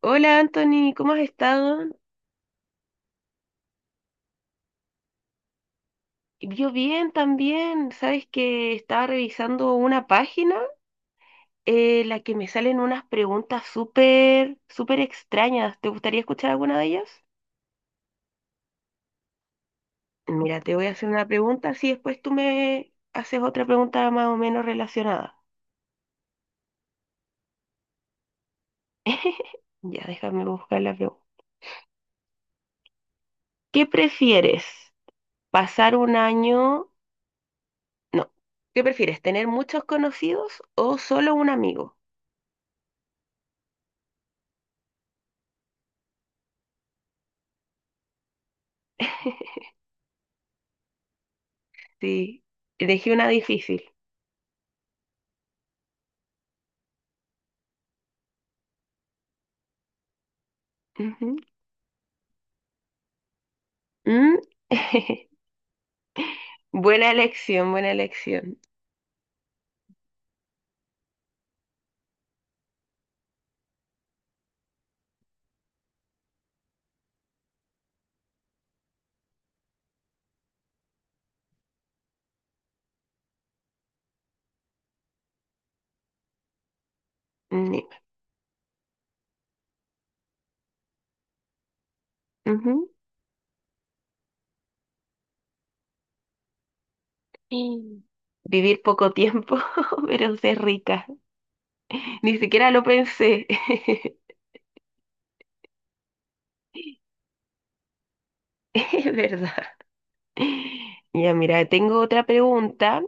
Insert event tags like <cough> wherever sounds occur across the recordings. Hola Anthony, ¿cómo has estado? Yo bien también. Sabes que estaba revisando una página en la que me salen unas preguntas súper, súper extrañas. ¿Te gustaría escuchar alguna de ellas? Mira, te voy a hacer una pregunta, así después tú me haces otra pregunta más o menos relacionada. <laughs> Ya, déjame buscar la pregunta. ¿Qué prefieres? ¿Pasar un año? No. ¿Qué prefieres? ¿Tener muchos conocidos o solo un amigo? Sí, elegí una difícil. Ujú. Mm. <laughs> Buena elección, buena elección. Ni- ujú. Y vivir poco tiempo, <laughs> pero ser rica. Ni siquiera lo pensé. <laughs> Es verdad. Ya, mira, tengo otra pregunta,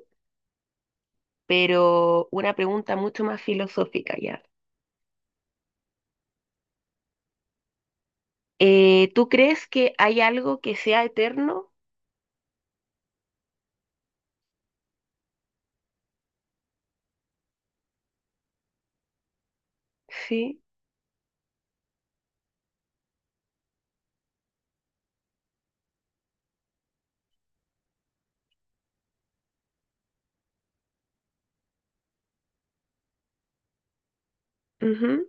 pero una pregunta mucho más filosófica ya. ¿Tú crees que hay algo que sea eterno? Sí. Ujú.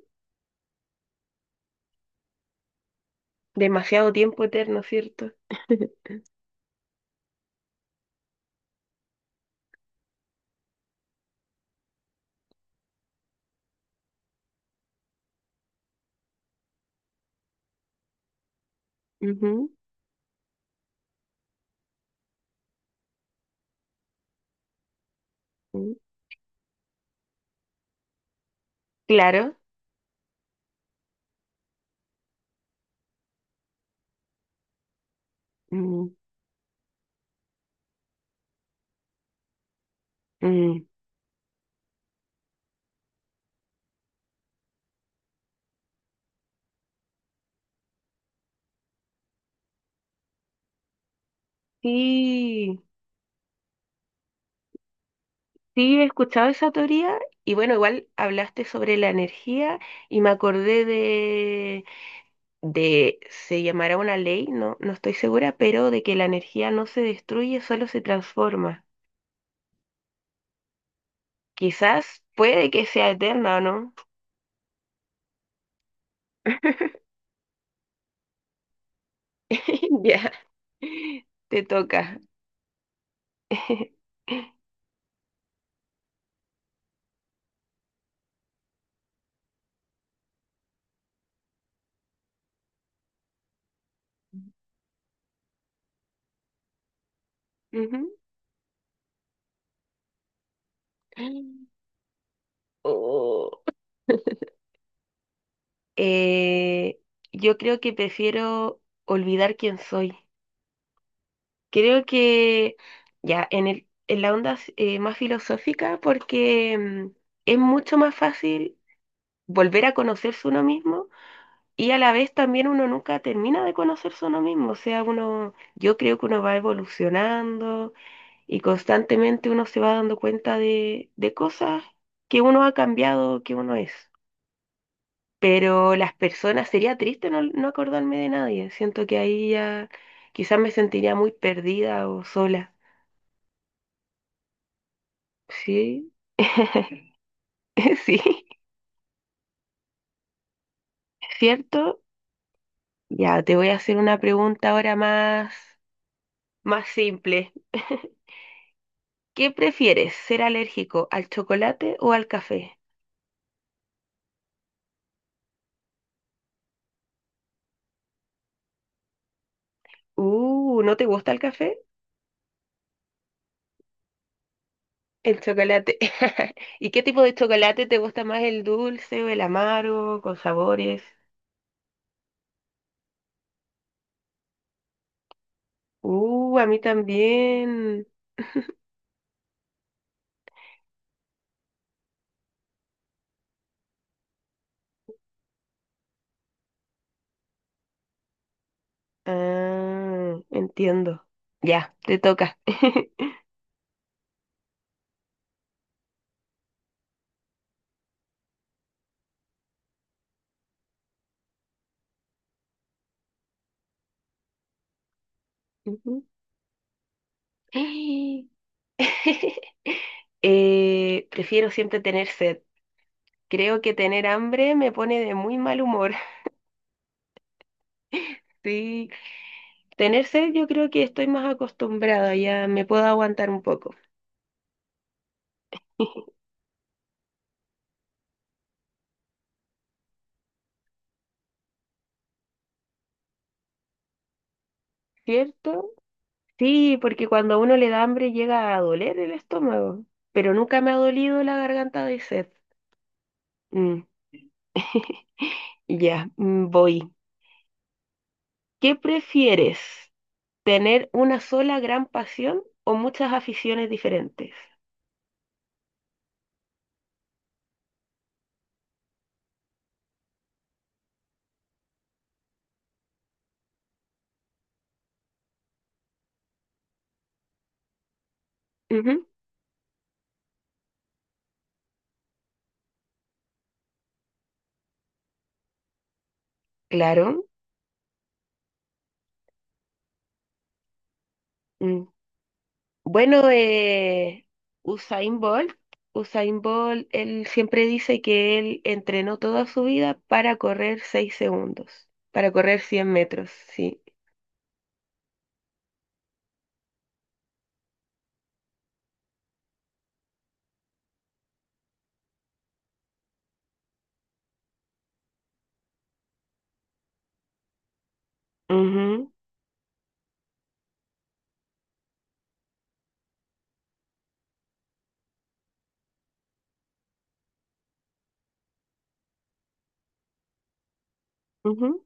Demasiado tiempo eterno, ¿cierto? Ujú, mm. Claro. Mm, mm. Sí, sí, he escuchado esa teoría y bueno, igual hablaste sobre la energía y me acordé de, se llamará una ley, no, no estoy segura, pero de que la energía no se destruye, solo se transforma. Quizás puede que sea eterna o no. <laughs> Ya, te toca. <laughs> Ujú. Oh. Eh, yo creo que prefiero olvidar quién soy. Creo que ya en el, en la onda más filosófica, porque es mucho más fácil volver a conocerse uno mismo y a la vez también uno nunca termina de conocerse uno mismo. O sea, uno, yo creo que uno va evolucionando y constantemente uno se va dando cuenta de cosas que uno ha cambiado, que uno es. Pero las personas, sería triste no, no acordarme de nadie. Siento que ahí ya quizás me sentiría muy perdida o sola. Sí, <laughs> sí, ¿cierto? Ya, te voy a hacer una pregunta ahora más, más simple. ¿Qué prefieres, ser alérgico al chocolate o al café? ¿No te gusta el café? El chocolate. <laughs> ¿Y qué tipo de chocolate te gusta más, el dulce o el amargo, con sabores? A mí también. Ah, entiendo. Ya, te toca. <laughs> Ujú. <gasps> <laughs> Prefiero siempre tener sed. Creo que tener hambre me pone de muy mal humor. <laughs> Sí, tener sed yo creo que estoy más acostumbrada, ya me puedo aguantar un poco, ¿cierto? Sí, porque cuando a uno le da hambre llega a doler el estómago, pero nunca me ha dolido la garganta de sed. Mm, ya, mm, voy. ¿Qué prefieres? ¿Tener una sola gran pasión o muchas aficiones diferentes? Ujú, claro. Mm. Bueno, Usain Bolt, Usain Bolt, él siempre dice que él entrenó toda su vida para correr 6 segundos, para correr 100 metros, sí. Ujú, ujú.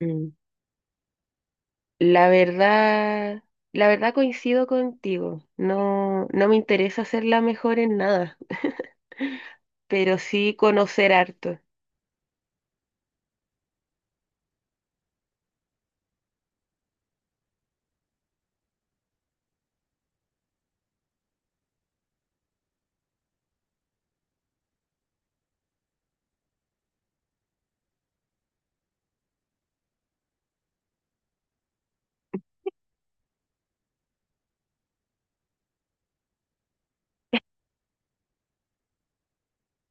Mm. La verdad, la verdad coincido contigo. No, no me interesa ser la mejor en nada, pero sí conocer harto.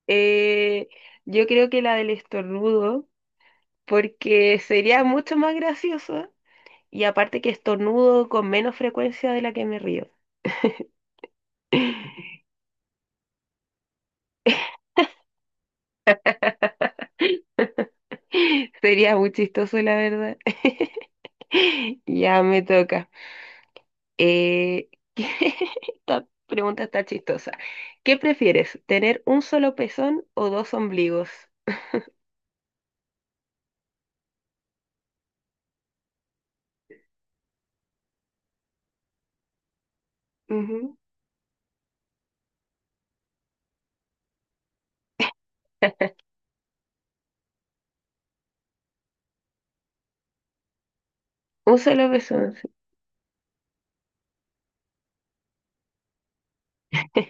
Eh, yo creo que la del estornudo, porque sería mucho más gracioso. Y aparte que estornudo con menos frecuencia de la que me río. <laughs> Sería muy chistoso, la verdad. <laughs> Ya me toca. Eh, <laughs> esta pregunta está chistosa. ¿Qué prefieres, tener un solo pezón o dos ombligos? Ujú. Un solo pezón. Sí.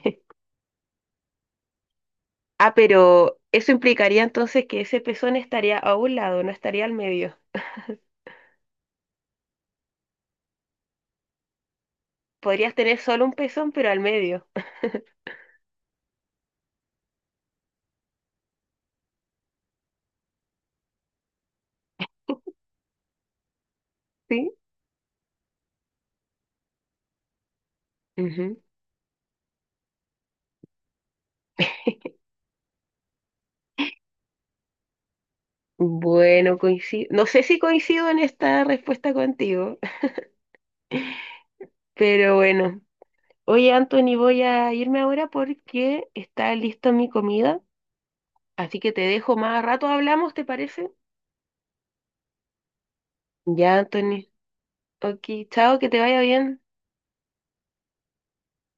<laughs> Ah, pero eso implicaría entonces que ese pezón estaría a un lado, no estaría al medio. Podrías tener solo un pezón, pero al medio. ¿Sí? Ujú. Bueno, coincido. No sé si coincido en esta respuesta contigo, <laughs> pero bueno. Oye, Anthony, voy a irme ahora porque está lista mi comida, así que te dejo más rato hablamos, ¿te parece? Ya, Anthony. Ok, chao, que te vaya bien.